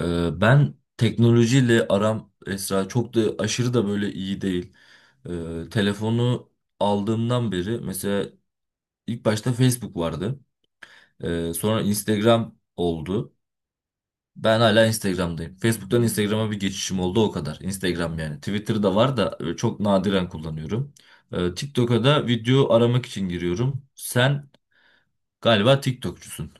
Ben teknolojiyle aram Esra çok da aşırı da böyle iyi değil. Telefonu aldığımdan beri mesela ilk başta Facebook vardı. Sonra Instagram oldu. Ben hala Instagram'dayım. Facebook'tan Instagram'a bir geçişim oldu o kadar. Instagram yani. Twitter'da var da çok nadiren kullanıyorum. TikTok'a da video aramak için giriyorum. Sen galiba Tiktokçusun.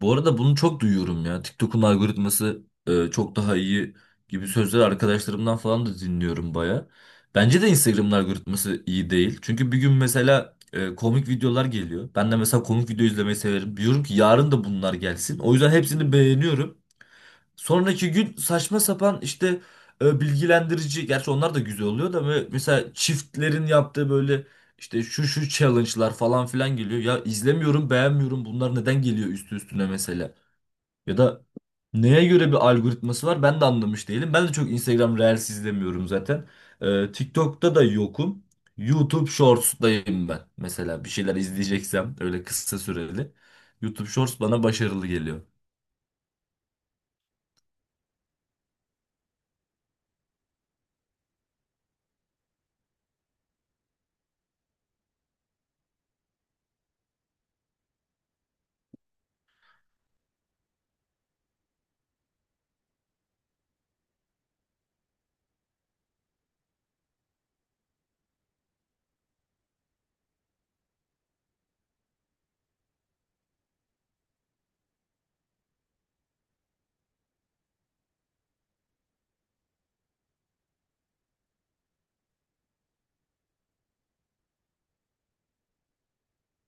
Bu arada bunu çok duyuyorum ya. TikTok'un algoritması çok daha iyi gibi sözler arkadaşlarımdan falan da dinliyorum baya. Bence de Instagram'ın algoritması iyi değil. Çünkü bir gün mesela komik videolar geliyor. Ben de mesela komik video izlemeyi severim. Diyorum ki yarın da bunlar gelsin. O yüzden hepsini beğeniyorum. Sonraki gün saçma sapan işte bilgilendirici. Gerçi onlar da güzel oluyor da böyle mesela çiftlerin yaptığı böyle işte şu şu challenge'lar falan filan geliyor. Ya izlemiyorum, beğenmiyorum. Bunlar neden geliyor üstü üstüne mesela? Ya da neye göre bir algoritması var ben de anlamış değilim. Ben de çok Instagram Reels izlemiyorum zaten. TikTok'ta da yokum. YouTube Shorts'dayım ben. Mesela bir şeyler izleyeceksem öyle kısa süreli. YouTube Shorts bana başarılı geliyor.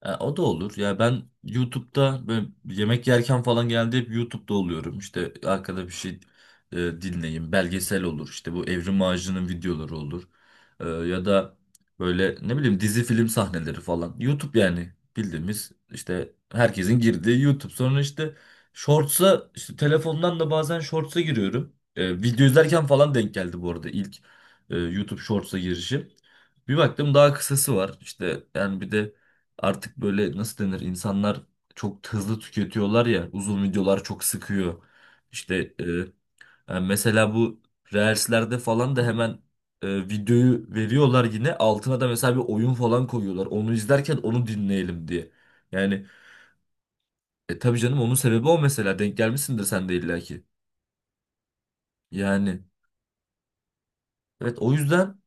E, o da olur. Ya ben YouTube'da böyle yemek yerken falan geldi hep YouTube'da oluyorum. İşte arkada bir şey dinleyeyim. Belgesel olur. İşte bu Evrim Ağacı'nın videoları olur. Ya da böyle ne bileyim dizi film sahneleri falan. YouTube yani bildiğimiz işte herkesin girdiği YouTube. Sonra işte Shorts'a işte telefondan da bazen Shorts'a giriyorum. Video izlerken falan denk geldi bu arada ilk YouTube Shorts'a girişim. Bir baktım daha kısası var. İşte yani bir de artık böyle nasıl denir, insanlar çok hızlı tüketiyorlar ya, uzun videolar çok sıkıyor. İşte yani mesela bu Reels'lerde falan da hemen videoyu veriyorlar, yine altına da mesela bir oyun falan koyuyorlar. Onu izlerken onu dinleyelim diye. Yani tabii canım, onun sebebi o, mesela denk gelmişsindir sen de illaki. Yani evet, o yüzden.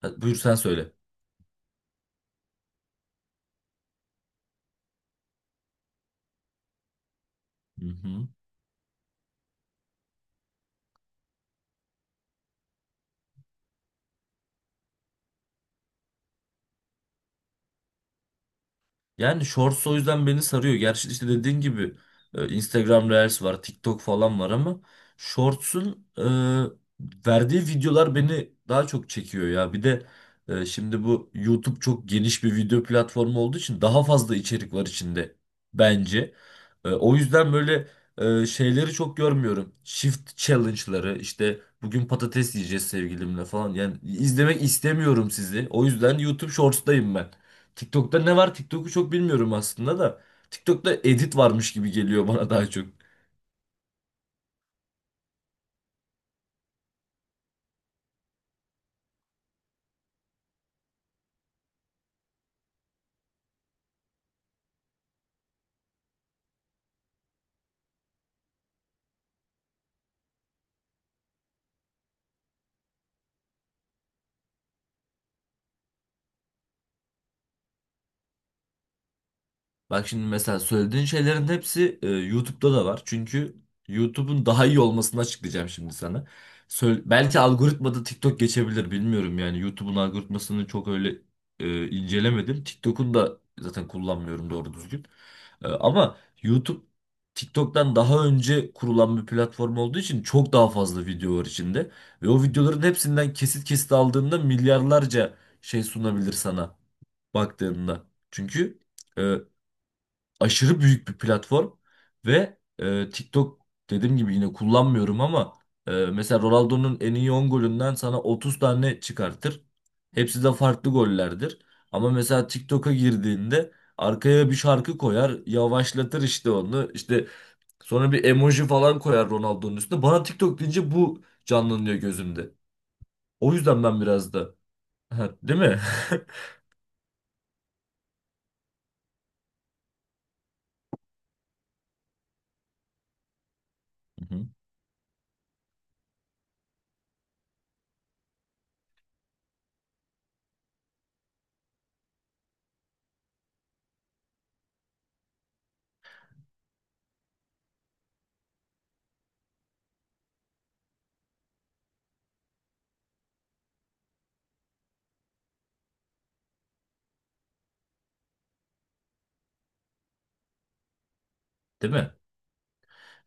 Ha, buyur sen söyle. Hı hı. Yani Shorts o yüzden beni sarıyor. Gerçi işte dediğin gibi Instagram Reels var, TikTok falan var ama Shorts'un verdiği videolar beni daha çok çekiyor ya. Bir de şimdi bu YouTube çok geniş bir video platformu olduğu için daha fazla içerik var içinde bence. O yüzden böyle şeyleri çok görmüyorum. Shift challenge'ları işte, bugün patates yiyeceğiz sevgilimle falan. Yani izlemek istemiyorum sizi. O yüzden YouTube Shorts'tayım ben. TikTok'ta ne var? TikTok'u çok bilmiyorum aslında da. TikTok'ta edit varmış gibi geliyor bana daha çok. Bak şimdi mesela söylediğin şeylerin hepsi YouTube'da da var. Çünkü YouTube'un daha iyi olmasını açıklayacağım şimdi sana. Söyle, belki algoritmada TikTok geçebilir, bilmiyorum yani. YouTube'un algoritmasını çok öyle incelemedim. TikTok'un da zaten kullanmıyorum doğru düzgün. Ama YouTube TikTok'tan daha önce kurulan bir platform olduğu için çok daha fazla video var içinde. Ve o videoların hepsinden kesit kesit aldığında milyarlarca şey sunabilir sana baktığında. Çünkü e, aşırı büyük bir platform ve TikTok, dediğim gibi yine kullanmıyorum ama mesela Ronaldo'nun en iyi 10 golünden sana 30 tane çıkartır. Hepsi de farklı gollerdir. Ama mesela TikTok'a girdiğinde arkaya bir şarkı koyar, yavaşlatır işte onu. İşte sonra bir emoji falan koyar Ronaldo'nun üstüne. Bana TikTok deyince bu canlanıyor gözümde. O yüzden ben biraz da değil mi? Hı hı. Değil mi?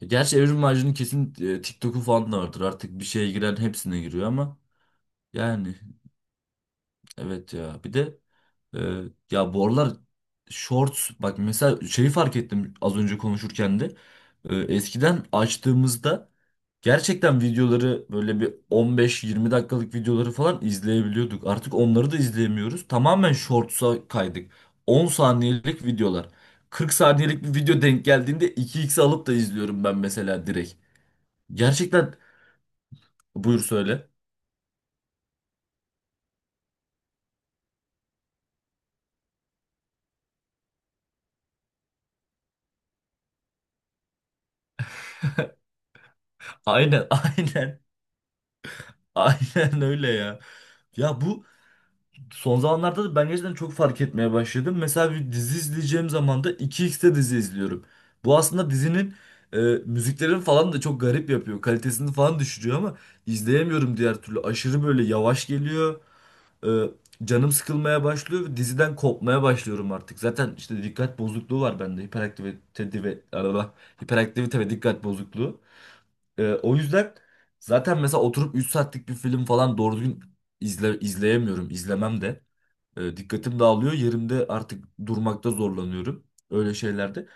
Gerçi Evrim Ağacı'nın kesin TikTok'u falan da vardır. Artık bir şeye giren hepsine giriyor ama yani evet ya. Bir de e, ya bu aralar shorts, bak mesela şeyi fark ettim az önce konuşurken de. Eskiden açtığımızda gerçekten videoları böyle bir 15-20 dakikalık videoları falan izleyebiliyorduk. Artık onları da izleyemiyoruz. Tamamen shorts'a kaydık. 10 saniyelik videolar. 40 saniyelik bir video denk geldiğinde 2x alıp da izliyorum ben mesela direkt. Gerçekten. Buyur söyle. Aynen, aynen. Aynen öyle ya. Ya bu son zamanlarda da ben gerçekten çok fark etmeye başladım. Mesela bir dizi izleyeceğim zaman da 2x'te dizi izliyorum. Bu aslında dizinin e, müziklerini falan da çok garip yapıyor. Kalitesini falan düşürüyor ama izleyemiyorum diğer türlü. Aşırı böyle yavaş geliyor. E, Canım sıkılmaya başlıyor ve diziden kopmaya başlıyorum artık. Zaten işte dikkat bozukluğu var bende. Hiperaktivite ve dikkat bozukluğu. O yüzden zaten mesela oturup 3 saatlik bir film falan doğru düzgün izleyemiyorum. İzlemem de. Dikkatim dağılıyor. Yerimde artık durmakta zorlanıyorum. Öyle şeylerde.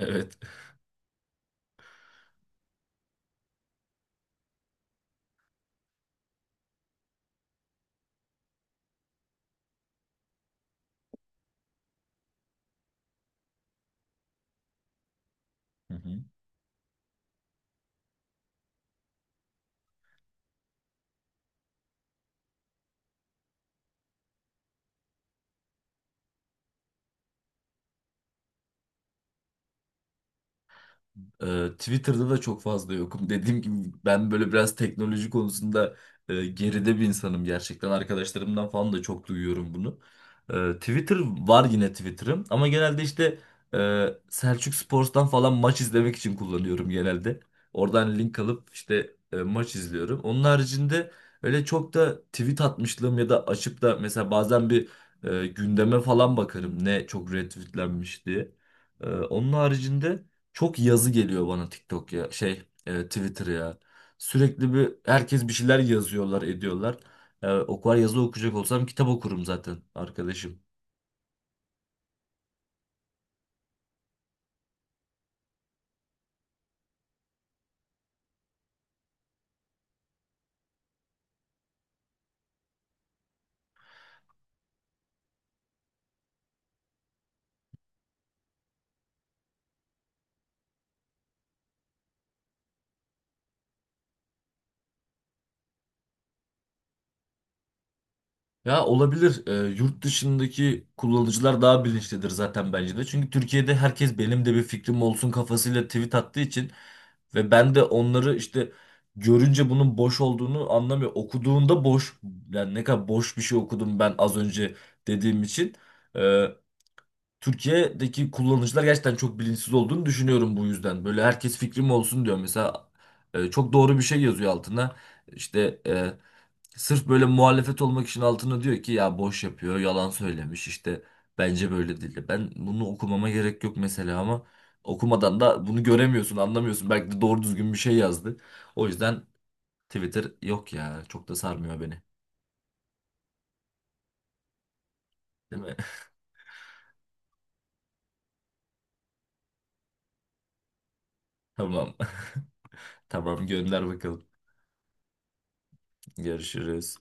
Evet. Twitter'da da çok fazla yokum. Dediğim gibi ben böyle biraz teknoloji konusunda geride bir insanım gerçekten. Arkadaşlarımdan falan da çok duyuyorum bunu. Twitter var, yine Twitter'ım, ama genelde işte Selçuk Spor'dan falan maç izlemek için kullanıyorum genelde. Oradan link alıp işte maç izliyorum. Onun haricinde öyle çok da tweet atmışlığım, ya da açıp da mesela bazen bir gündeme falan bakarım ne çok retweetlenmiş diye. Onun haricinde çok yazı geliyor bana. TikTok ya Twitter ya. Sürekli bir herkes bir şeyler yazıyorlar, ediyorlar. E, o kadar yazı okuyacak olsam kitap okurum zaten arkadaşım. Ya olabilir, yurt dışındaki kullanıcılar daha bilinçlidir zaten bence de. Çünkü Türkiye'de herkes benim de bir fikrim olsun kafasıyla tweet attığı için ve ben de onları işte görünce bunun boş olduğunu anlamıyor. Okuduğunda boş, yani ne kadar boş bir şey okudum ben az önce dediğim için. e, Türkiye'deki kullanıcılar gerçekten çok bilinçsiz olduğunu düşünüyorum bu yüzden. Böyle herkes fikrim olsun diyor. Mesela çok doğru bir şey yazıyor altına. İşte sırf böyle muhalefet olmak için altına diyor ki ya boş yapıyor, yalan söylemiş işte bence böyle değil. Ben bunu okumama gerek yok mesela, ama okumadan da bunu göremiyorsun, anlamıyorsun. Belki de doğru düzgün bir şey yazdı. O yüzden Twitter yok ya, çok da sarmıyor beni. Değil mi? Tamam. Tamam, gönder bakalım. Görüşürüz.